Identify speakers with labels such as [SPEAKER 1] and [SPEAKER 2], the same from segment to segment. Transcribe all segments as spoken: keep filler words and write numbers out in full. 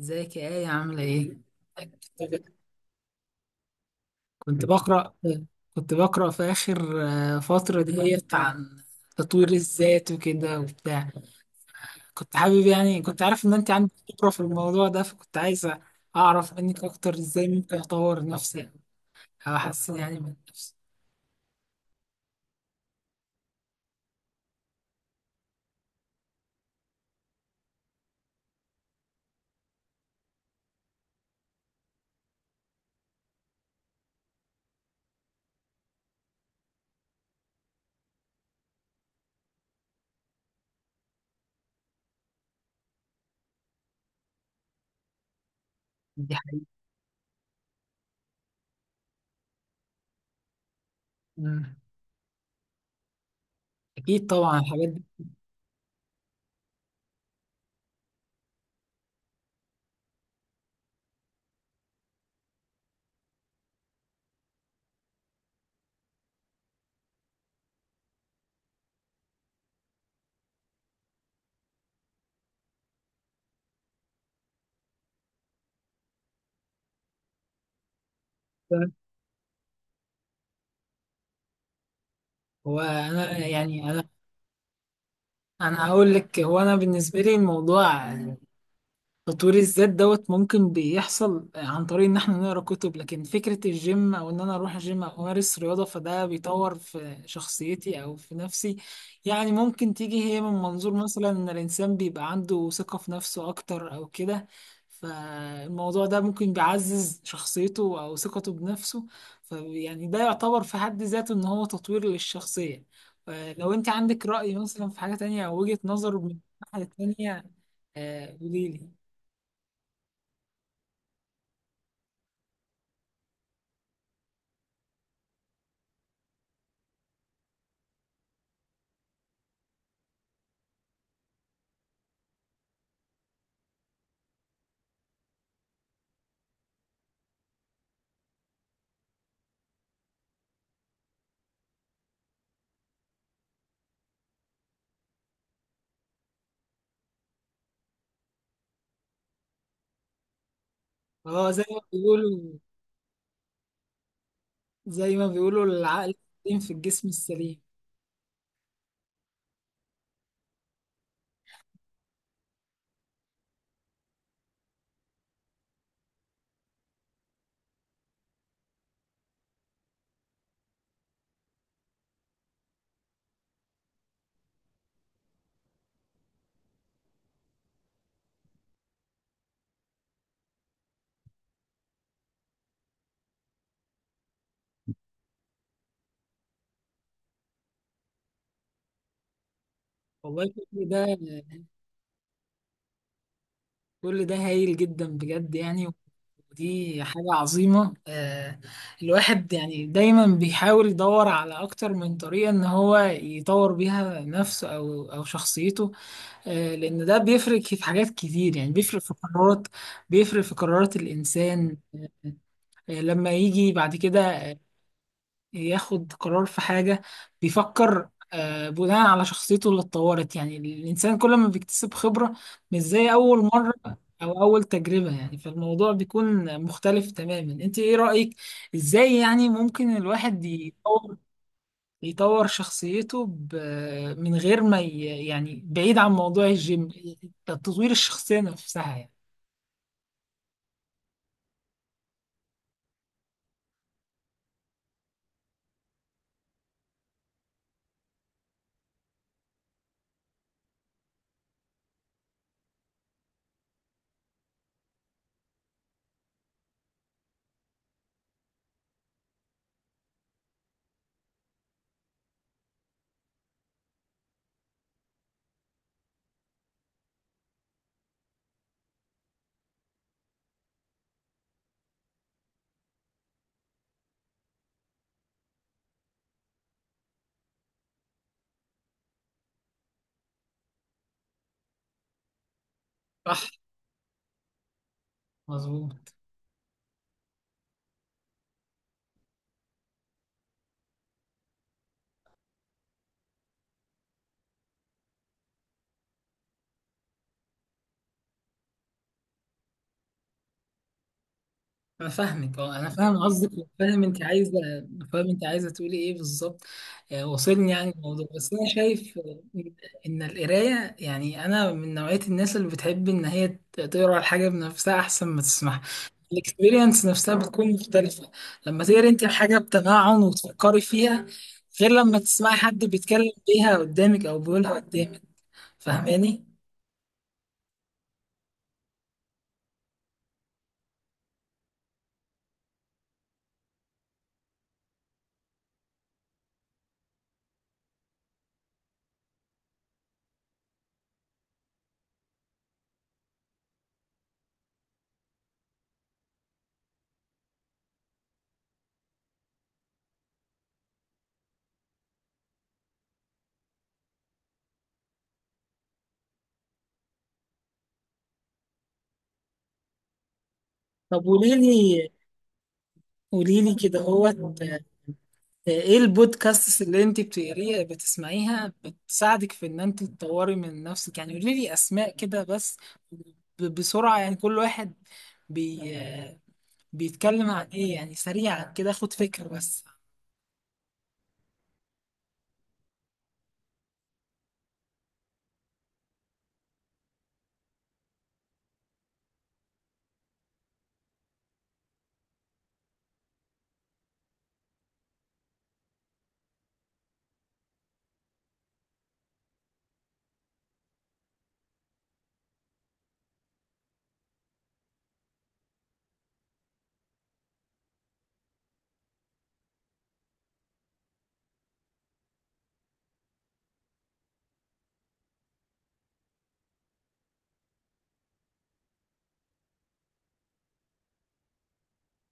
[SPEAKER 1] ازيك يا آية؟ عاملة ايه؟ كنت بقرأ كنت بقرأ في آخر آه، فترة ديت عن تطوير الذات وكده وبتاع. كنت حابب يعني كنت عارف إن أنت عندك خبرة في الموضوع ده، فكنت عايزة أعرف منك أكتر إزاي ممكن أطور نفسي أو أحسن يعني من نفسي. دي حاجة. مم. أكيد طبعا الحاجات دي. هو أنا يعني أنا أنا هقول لك، هو أنا بالنسبة لي الموضوع تطوير الذات دوت ممكن بيحصل عن طريق ان احنا نقرا كتب، لكن فكرة الجيم او ان انا اروح الجيم او امارس رياضة، فده بيطور في شخصيتي او في نفسي. يعني ممكن تيجي هي من منظور مثلا ان الانسان بيبقى عنده ثقة في نفسه اكتر او كده. فالموضوع ده ممكن بيعزز شخصيته او ثقته بنفسه، فيعني ده يعتبر في حد ذاته ان هو تطوير للشخصية. آه، لو انت عندك رأي مثلا في حاجة تانية او وجهة نظر من الناحية التانية، آه، قوليلي. اه زي ما بيقولوا، زي ما بيقولوا العقل السليم في الجسم السليم. والله كل ده، كل ده هايل جدا بجد يعني. ودي حاجة عظيمة. آه، الواحد يعني دايما بيحاول يدور على أكتر من طريقة إن هو يطور بيها نفسه أو أو شخصيته. آه، لأن ده بيفرق في حاجات كتير، يعني بيفرق في قرارات، بيفرق في قرارات الإنسان. آه آه، لما يجي بعد كده آه، ياخد قرار في حاجة، بيفكر آه، بناء على شخصيته اللي اتطورت. يعني الإنسان كل ما بيكتسب خبرة مش زي أول مرة أو أول تجربة، يعني فالموضوع بيكون مختلف تماما. أنت إيه رأيك إزاي يعني ممكن الواحد يطور يطور شخصيته ب- من غير ما ي- يعني بعيد عن موضوع الجيم، تطوير الشخصية نفسها يعني؟ صح. مظبوط. انا فاهمك، اه انا فاهم قصدك، فاهم انت عايزه فاهم انت عايزه تقولي ايه بالظبط. آه، وصلني يعني الموضوع، بس انا شايف آه، ان القرايه، يعني انا من نوعيه الناس اللي بتحب ان هي ت- تقرا الحاجه بنفسها احسن ما تسمعها. الاكسبيرينس نفسها بتكون مختلفه، لما تقري انت الحاجه بتمعن وتفكري فيها، غير لما تسمعي حد بيتكلم بيها قدامك او بيقولها قدامك. فاهماني؟ طب قولي لي قولي لي كده، هو ايه البودكاست اللي انت بتقريها بتسمعيها بتساعدك في ان انت تطوري من نفسك؟ يعني قولي لي اسماء كده بس، ب- بسرعة يعني، كل واحد بي بيتكلم عن ايه يعني، سريعا كده اخد فكرة بس.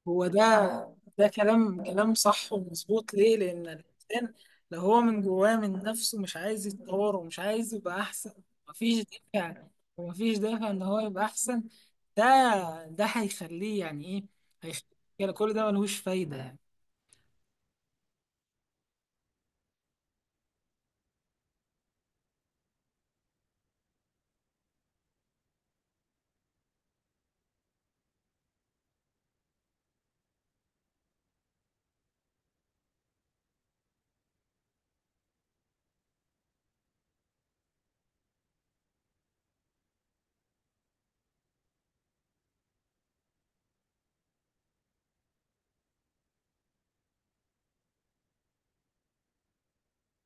[SPEAKER 1] هو ده. ده كلام، كلام صح ومظبوط. ليه؟ لأن الإنسان لو هو من جواه من نفسه مش عايز يتطور ومش عايز يبقى أحسن، مفيش دافع، ومفيش دافع إن هو يبقى أحسن. ده، ده هيخليه يعني إيه؟ هيخليه كده، كل ده ملهوش فايدة يعني.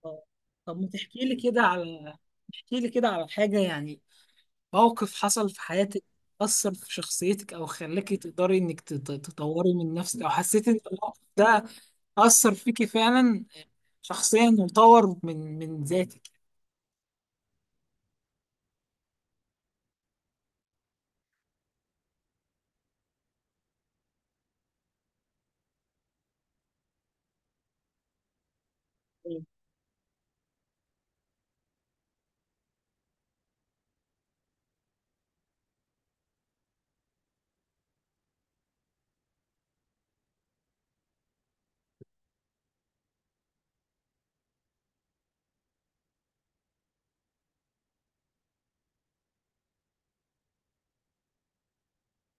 [SPEAKER 1] آه. طب ما تحكي لي كده على احكي لي كده على حاجة يعني، موقف حصل في حياتك أثر في شخصيتك أو خلاكي تقدري إنك تط- تطوري من نفسك، أو حسيتي إن الموقف ده أثر فيكي فعلا شخصيا وطور من من ذاتك.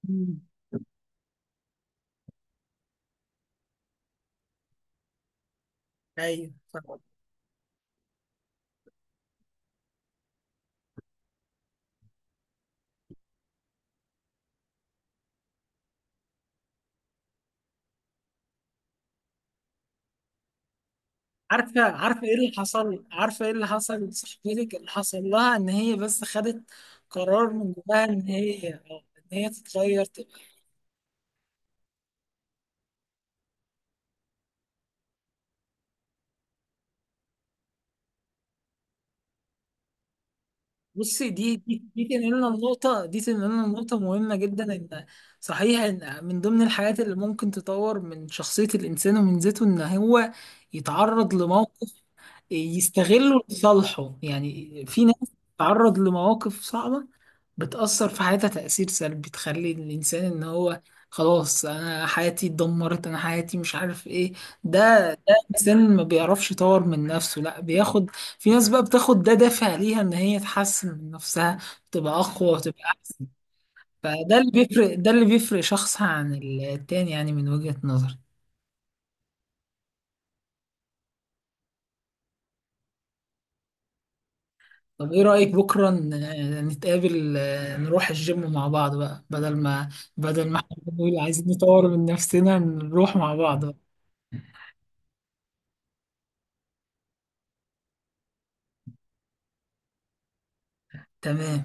[SPEAKER 1] مم. أيوه فاهم. عارفة عارفة إيه اللي حصل عارفة إيه اللي حصل لصاحبتك؟ اللي حصل لها إن هي بس خدت قرار من جواها إن هي، آه، إن هي تتغير. بصي، دي دي دي تنقلنا لنقطة، دي تنقلنا لنقطة مهمة جدا. إن صحيح إن من ضمن الحاجات اللي ممكن تطور من شخصية الإنسان ومن ذاته إن هو يتعرض لموقف يستغله لصالحه. يعني في ناس بتتعرض لمواقف صعبة بتأثر في حياتها تأثير سلبي، بتخلي الإنسان إن هو خلاص أنا حياتي اتدمرت، أنا حياتي مش عارف إيه، ده الانسان ما بيعرفش يطور من نفسه. لا بياخد في ناس بقى بتاخد ده دافع ليها ان هي تحسن من نفسها، تبقى اقوى وتبقى احسن. فده اللي بيفرق، ده اللي بيفرق شخص عن التاني يعني، من وجهة نظري. طب ايه رأيك بكرة ن- نتقابل، آه، نروح الجيم مع بعض بقى، بدل ما بدل ما احنا بنقول عايزين نطور من نفسنا نروح مع بعض بقى. تمام.